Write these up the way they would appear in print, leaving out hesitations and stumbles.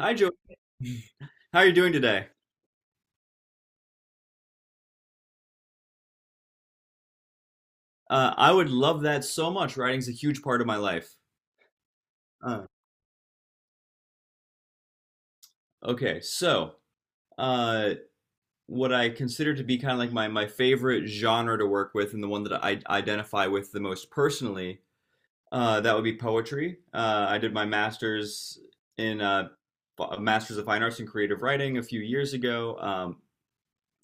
Hi, Joey. How are you doing today? I would love that so much. Writing's a huge part of my life. Uh, okay, so uh, what I consider to be kind of like my favorite genre to work with, and the one that I identify with the most personally, that would be poetry. I did my master's in a master's of fine arts in creative writing a few years ago.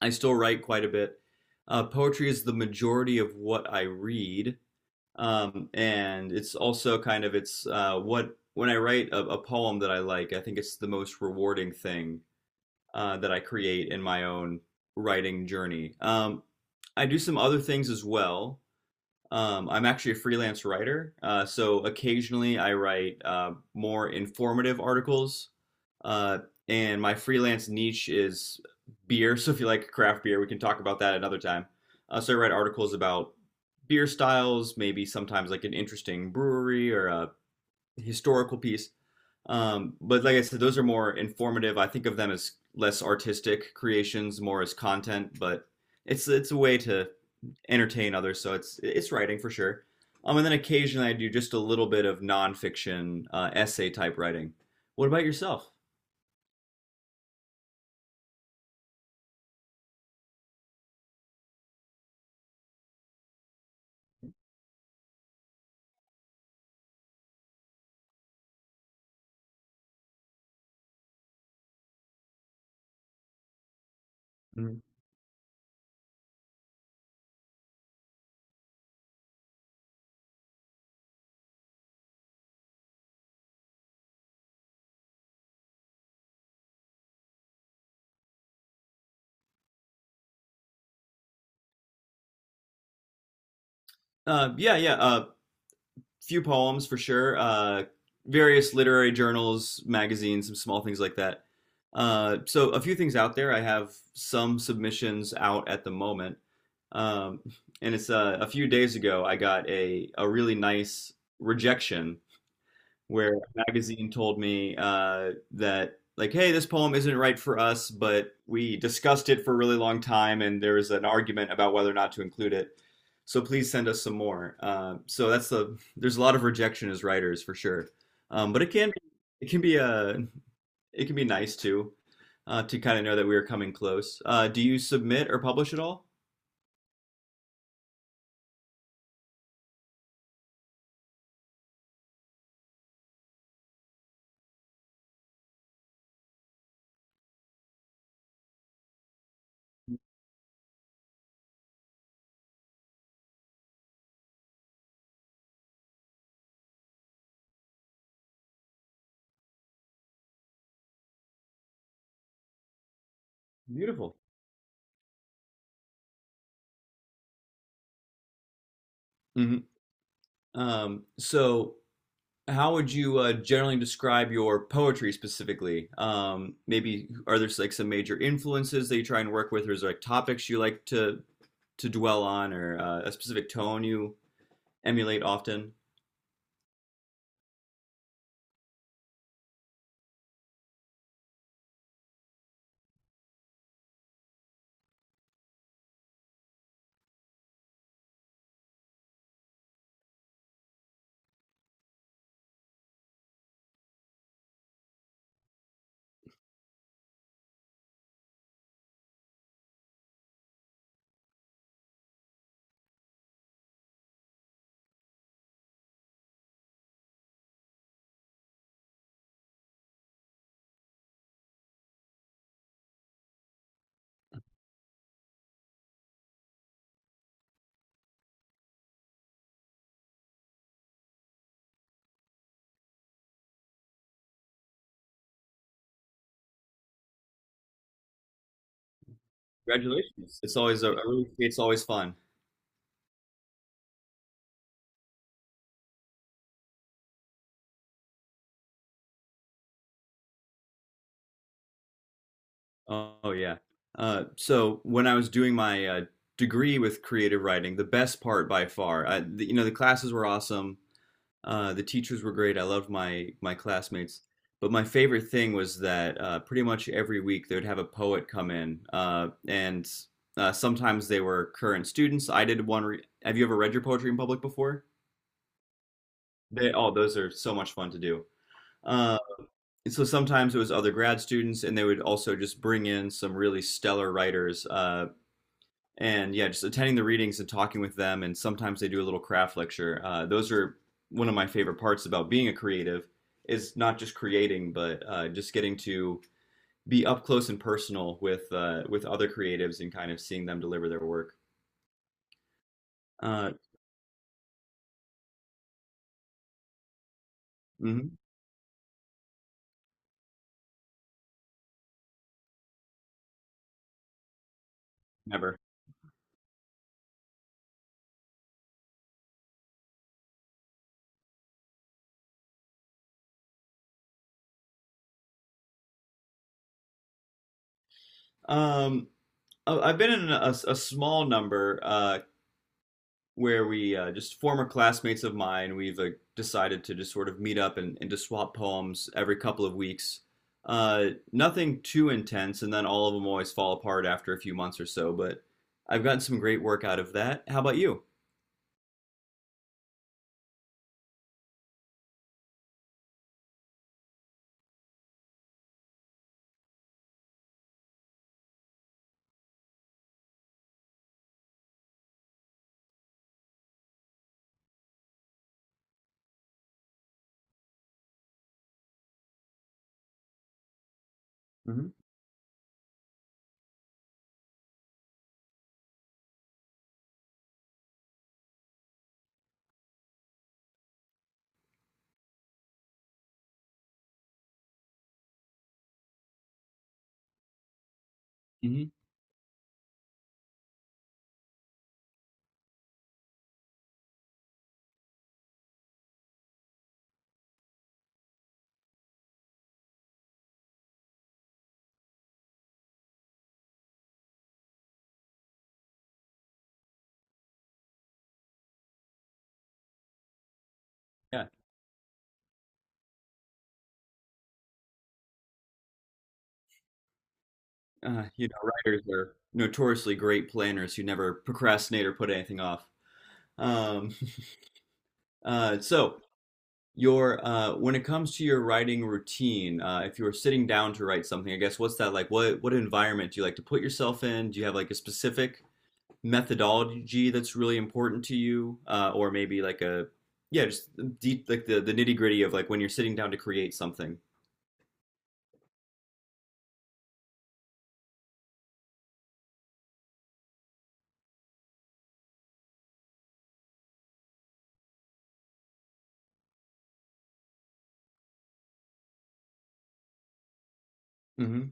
I still write quite a bit. Poetry is the majority of what I read. And it's also kind of it's what when I write a poem that I like, I think it's the most rewarding thing that I create in my own writing journey. I do some other things as well. I'm actually a freelance writer, so occasionally I write more informative articles uh, and my freelance niche is beer. So if you like craft beer, we can talk about that another time. So I write articles about beer styles, maybe sometimes like an interesting brewery or a historical piece. But like I said, those are more informative. I think of them as less artistic creations, more as content. But it's a way to entertain others. So it's writing for sure. And then occasionally I do just a little bit of nonfiction essay type writing. What about yourself? Yeah, yeah. Few poems for sure. Various literary journals, magazines, some small things like that. So a few things out there. I have some submissions out at the moment, um, and it's a few days ago I got a really nice rejection where a magazine told me that like, hey, this poem isn't right for us, but we discussed it for a really long time and there was an argument about whether or not to include it, so please send us some more. So that's there's a lot of rejection as writers for sure. But it can be a it can be nice too, to kind of know that we are coming close. Do you submit or publish at all? Beautiful. Hmm. Um, so how would you generally describe your poetry specifically? Maybe are there like some major influences that you try and work with, or is there like topics you like to dwell on, or a specific tone you emulate often? Congratulations! It's always a really it's always fun. Oh, oh, yeah. So when I was doing my degree with creative writing, the best part by far, you know, the classes were awesome. The teachers were great. I loved my classmates. But my favorite thing was that pretty much every week they would have a poet come in, and sometimes they were current students. I did one. Re Have you ever read your poetry in public before? They, oh, those are so much fun to do. Uh, so sometimes it was other grad students, and they would also just bring in some really stellar writers. And yeah, just attending the readings and talking with them, and sometimes they do a little craft lecture. Those are one of my favorite parts about being a creative is not just creating, but just getting to be up close and personal with other creatives and kind of seeing them deliver their work. Uh, mhm, never. Um, I- I've been in a small number. Where we just former classmates of mine, we've decided to just sort of meet up and to swap poems every couple of weeks. Uh, nothing too intense, and then all of them always fall apart after a few months or so. But I've gotten some great work out of that. How about you? Hmm. Hmm. Yeah. You know, writers are notoriously great planners who never procrastinate or put anything off. Um, so. Your when it comes to your writing routine, if you were sitting down to write something, I guess what's that like? What environment do you like to put yourself in? Do you have like a specific methodology that's really important to you, or maybe like a yeah, just deep like the nitty gritty of like when you're sitting down to create something. Hmm.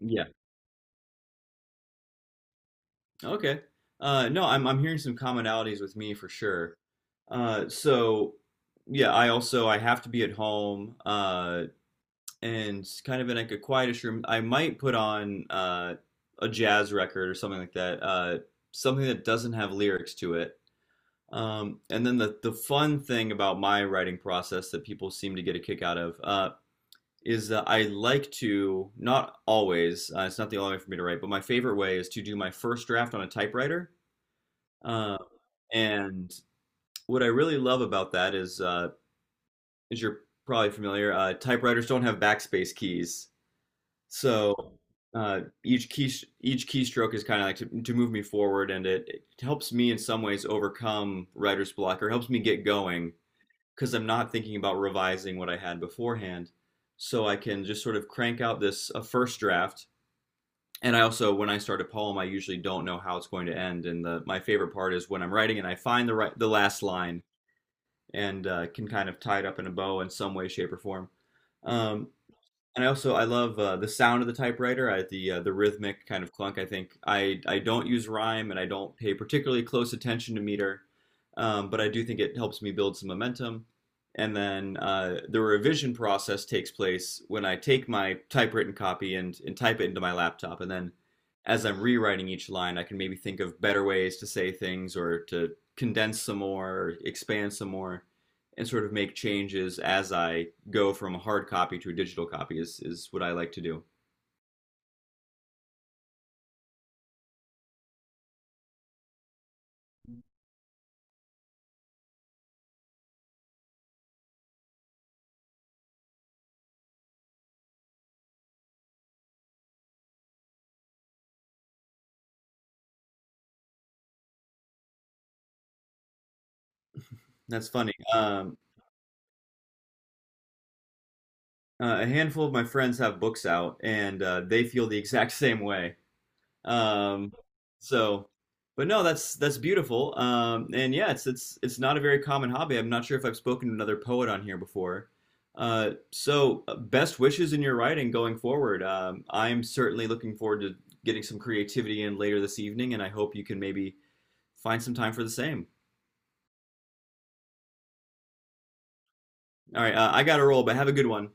Yeah. Okay. No, I'm hearing some commonalities with me for sure. So yeah, I also I have to be at home. And kind of in like a quietish room, I might put on a jazz record or something like that, something that doesn't have lyrics to it. And then the fun thing about my writing process that people seem to get a kick out of is that I like to not always. It's not the only way for me to write, but my favorite way is to do my first draft on a typewriter. Uh, and what I really love about that is, as you're probably familiar, typewriters don't have backspace keys. So uh, each key each keystroke is kind of like to move me forward, and it helps me in some ways overcome writer's block or helps me get going because I'm not thinking about revising what I had beforehand. So I can just sort of crank out this a first draft. And I also, when I start a poem, I usually don't know how it's going to end. And my favorite part is when I'm writing and I find the last line and can kind of tie it up in a bow in some way, shape, or form. Um, and I also I love the sound of the typewriter. The the rhythmic kind of clunk. I think I don't use rhyme and I don't pay particularly close attention to meter, but I do think it helps me build some momentum. And then the revision process takes place when I take my typewritten copy and type it into my laptop. And then as I'm rewriting each line, I can maybe think of better ways to say things or to condense some more, expand some more and sort of make changes as I go from a hard copy to a digital copy is what I like to do. That's funny. A handful of my friends have books out and they feel the exact same way. Um, so, but no, that's beautiful. And yeah, it's it's not a very common hobby. I'm not sure if I've spoken to another poet on here before. So, best wishes in your writing going forward. I'm certainly looking forward to getting some creativity in later this evening, and I hope you can maybe find some time for the same. All right, I got to roll, but have a good one.